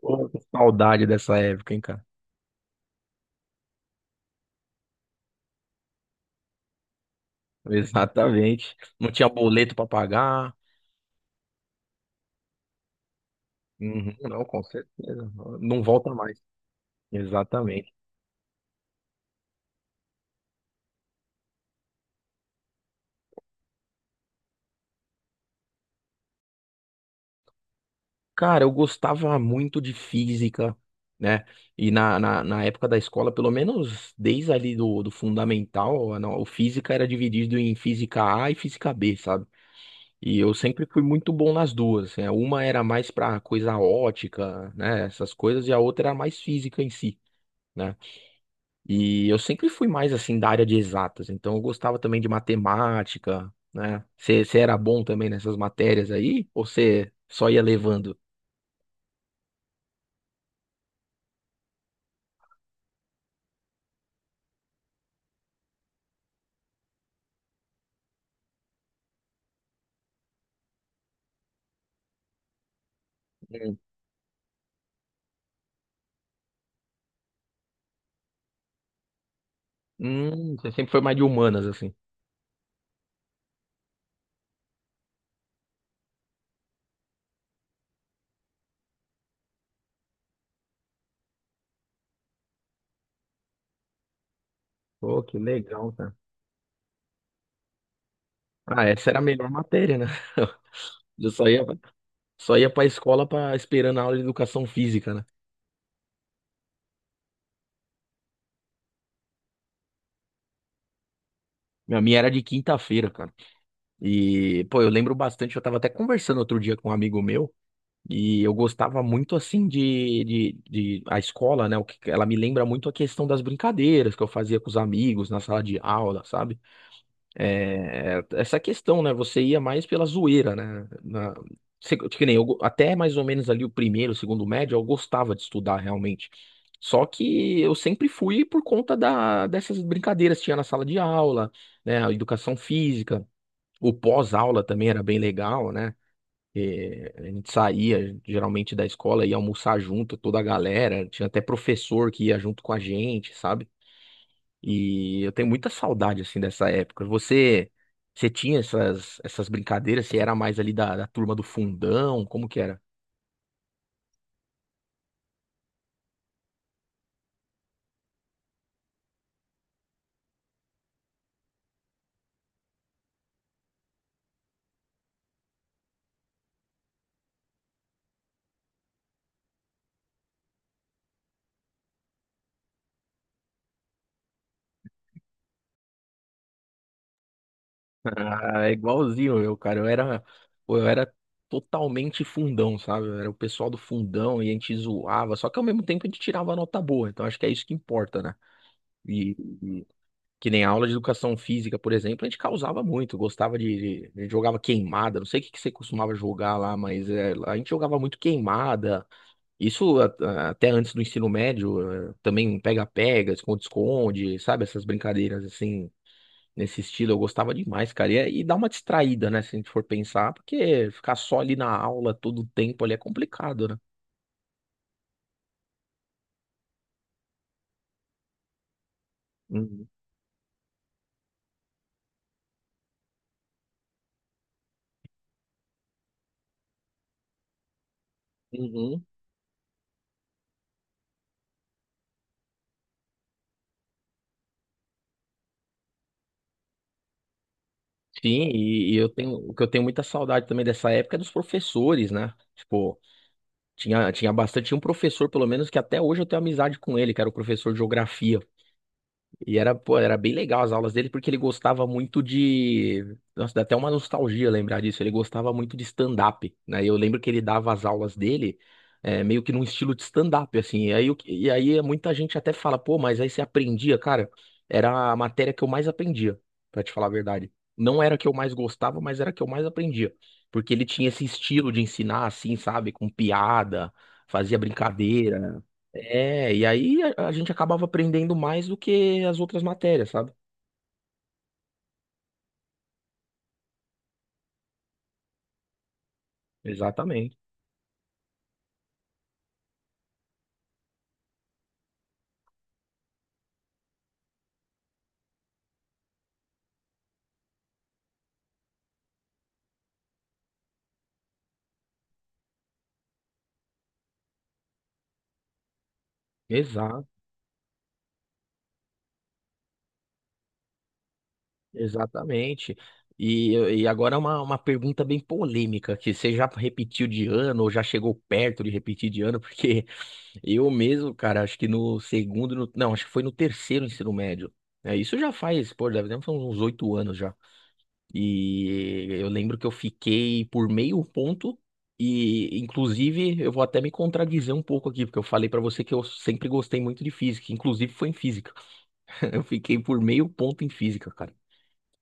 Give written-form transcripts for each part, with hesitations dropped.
Pô, que saudade dessa época, hein, cara? Exatamente. Não tinha boleto pra pagar. Uhum, não, com certeza. Não volta mais. Exatamente. Cara, eu gostava muito de física, né? E na época da escola, pelo menos desde ali do fundamental, a- não, o física era dividido em física A e física B, sabe? E eu sempre fui muito bom nas duas. Assim, né? Uma era mais pra coisa ótica, né? Essas coisas, e a outra era mais física em si. Né? E eu sempre fui mais assim da área de exatas, então eu gostava também de matemática, né? Você era bom também nessas matérias aí? Ou você só ia levando? Hum. Você sempre foi mais de humanas, assim. Pô, que legal, cara. Ah, essa era a melhor matéria, né? Eu só ia, só ia pra escola pra, esperando a aula de educação física, né? A minha era de quinta-feira, cara. E, pô, eu lembro bastante, eu tava até conversando outro dia com um amigo meu. E eu gostava muito assim de a escola, né? O que ela me lembra muito a questão das brincadeiras que eu fazia com os amigos na sala de aula, sabe? É, essa questão, né? Você ia mais pela zoeira, né? Na, que nem eu, até mais ou menos ali o primeiro, o segundo médio, eu gostava de estudar realmente. Só que eu sempre fui por conta dessas brincadeiras que tinha na sala de aula, né? A educação física, o pós-aula também era bem legal, né? É, a gente saía geralmente da escola, ia almoçar junto, toda a galera. Tinha até professor que ia junto com a gente, sabe? E eu tenho muita saudade, assim, dessa época. Você tinha essas brincadeiras? Você era mais ali da turma do fundão? Como que era? Ah, é igualzinho eu, cara. Eu era totalmente fundão, sabe? Eu era o pessoal do fundão e a gente zoava. Só que ao mesmo tempo a gente tirava nota boa. Então acho que é isso que importa, né? E, que nem a aula de educação física, por exemplo, a gente causava muito, gostava a gente jogava queimada, não sei o que que você costumava jogar lá, mas é, a gente jogava muito queimada. Até antes do ensino médio, é, também pega-pega, esconde-esconde, sabe? Essas brincadeiras assim, nesse estilo, eu gostava demais, cara. E, e dá uma distraída, né, se a gente for pensar, porque ficar só ali na aula todo o tempo ali é complicado, né? Uhum. Uhum. Sim, e eu tenho, o que eu tenho muita saudade também dessa época é dos professores, né? Tipo, tinha bastante, tinha um professor, pelo menos, que até hoje eu tenho amizade com ele, que era o professor de geografia. E era, pô, era bem legal as aulas dele, porque ele gostava muito de. Nossa, dá até uma nostalgia lembrar disso. Ele gostava muito de stand-up, né? E eu lembro que ele dava as aulas dele meio que num estilo de stand-up, assim. E aí, e aí muita gente até fala, pô, mas aí você aprendia, cara. Era a matéria que eu mais aprendia, pra te falar a verdade. Não era a que eu mais gostava, mas era a que eu mais aprendia. Porque ele tinha esse estilo de ensinar, assim, sabe? Com piada, fazia brincadeira. É, e aí a gente acabava aprendendo mais do que as outras matérias, sabe? Exatamente. Exato, exatamente. E agora é uma pergunta bem polêmica, que você já repetiu de ano ou já chegou perto de repetir de ano, porque eu mesmo, cara, acho que no segundo, não, acho que foi no terceiro ensino médio. É, isso já faz, pô, deve ter uns 8 anos já. E eu lembro que eu fiquei por meio ponto. E, inclusive, eu vou até me contradizer um pouco aqui, porque eu falei pra você que eu sempre gostei muito de física. Inclusive, foi em física. Eu fiquei por meio ponto em física, cara.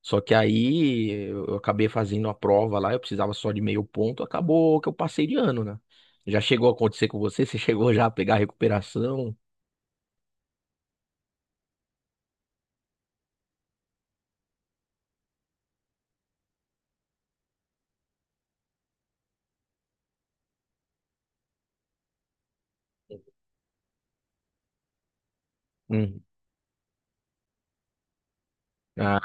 Só que aí eu acabei fazendo a prova lá, eu precisava só de meio ponto. Acabou que eu passei de ano, né? Já chegou a acontecer com você? Você chegou já a pegar a recuperação? Hum. Ah,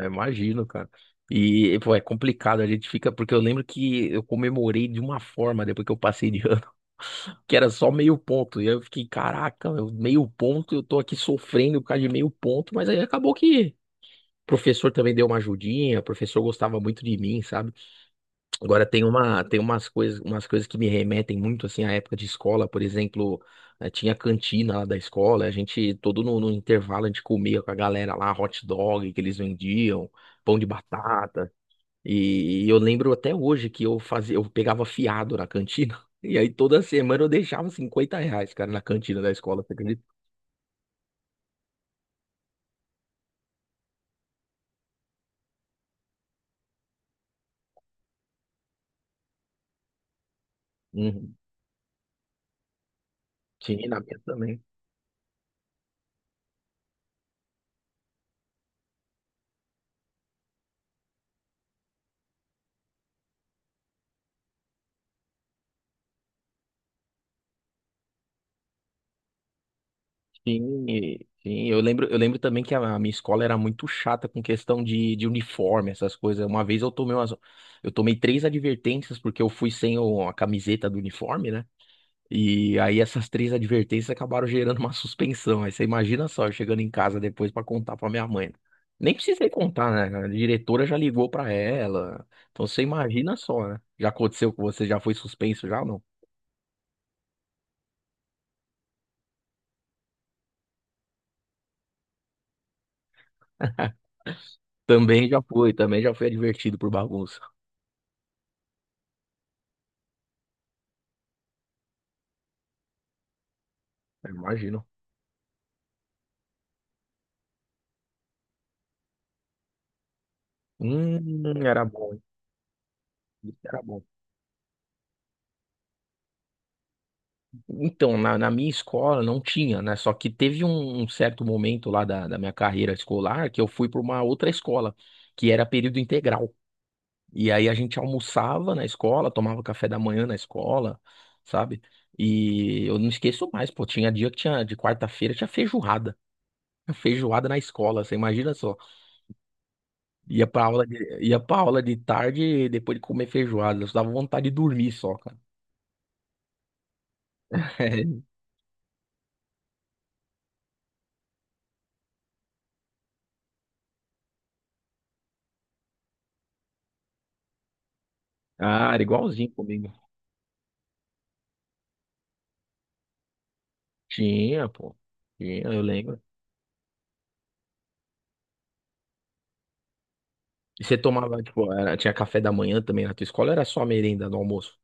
eu imagino, cara. E, pô, é complicado, a gente fica, porque eu lembro que eu comemorei de uma forma depois que eu passei de ano, que era só meio ponto. E aí eu fiquei, caraca, meu, meio ponto, eu tô aqui sofrendo por causa de meio ponto, mas aí acabou que o professor também deu uma ajudinha, o professor gostava muito de mim, sabe? Agora tem uma, tem umas coisas que me remetem muito assim à época de escola, por exemplo, tinha a cantina lá da escola, a gente todo no intervalo a gente comia com a galera lá hot dog que eles vendiam, pão de batata. E eu lembro até hoje que eu fazia, eu pegava fiado na cantina. E aí toda semana eu deixava R$ 50, cara, na cantina da escola, você acredita? Uhum. Tinha na minha também. Sim, sim, eu lembro também que a minha escola era muito chata com questão de uniforme, essas coisas. Uma vez eu tomei umas, eu tomei 3 advertências porque eu fui sem a camiseta do uniforme, né? E aí essas 3 advertências acabaram gerando uma suspensão. Aí você imagina só, eu chegando em casa depois pra contar pra minha mãe. Nem precisei contar, né? A diretora já ligou pra ela. Então você imagina só, né? Já aconteceu com você, já foi suspenso já ou não? Também já foi advertido por bagunça. Eu imagino. Hum, era bom. Hein? Isso era bom. Então, na minha escola não tinha, né? Só que teve um certo momento lá da minha carreira escolar que eu fui para uma outra escola, que era período integral. E aí a gente almoçava na escola, tomava café da manhã na escola, sabe? E eu não esqueço mais, pô, tinha dia que tinha, de quarta-feira, tinha feijoada. Feijoada na escola, você imagina só. Ia pra aula de, ia pra aula de tarde, depois de comer feijoada, eu dava vontade de dormir só, cara. Ah, era igualzinho comigo. Tinha, pô. Tinha, eu lembro. E você tomava, tipo, tinha café da manhã também na tua escola, ou era só a merenda no almoço?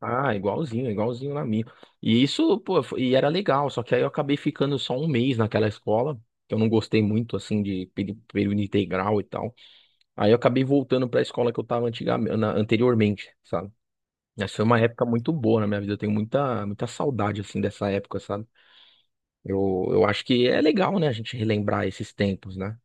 Ah, igualzinho, igualzinho na minha. E isso, pô, e era legal, só que aí eu acabei ficando só um mês naquela escola, que eu não gostei muito, assim, de período integral e tal. Aí eu acabei voltando pra escola que eu tava antigamente, anteriormente, sabe? Essa foi uma época muito boa na minha vida, eu tenho muita, muita saudade, assim, dessa época, sabe? Eu acho que é legal, né, a gente relembrar esses tempos, né?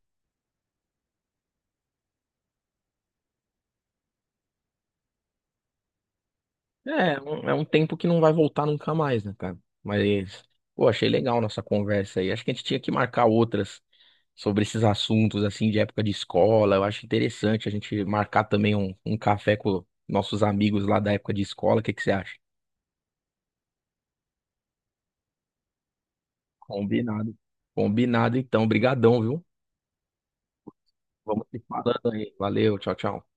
É, é um tempo que não vai voltar nunca mais, né, cara? Mas, pô, achei legal nossa conversa aí. Acho que a gente tinha que marcar outras sobre esses assuntos, assim, de época de escola. Eu acho interessante a gente marcar também um café com nossos amigos lá da época de escola. O que que você acha? Combinado. Combinado, então. Brigadão, viu? Vamos se falando aí. Valeu, tchau, tchau.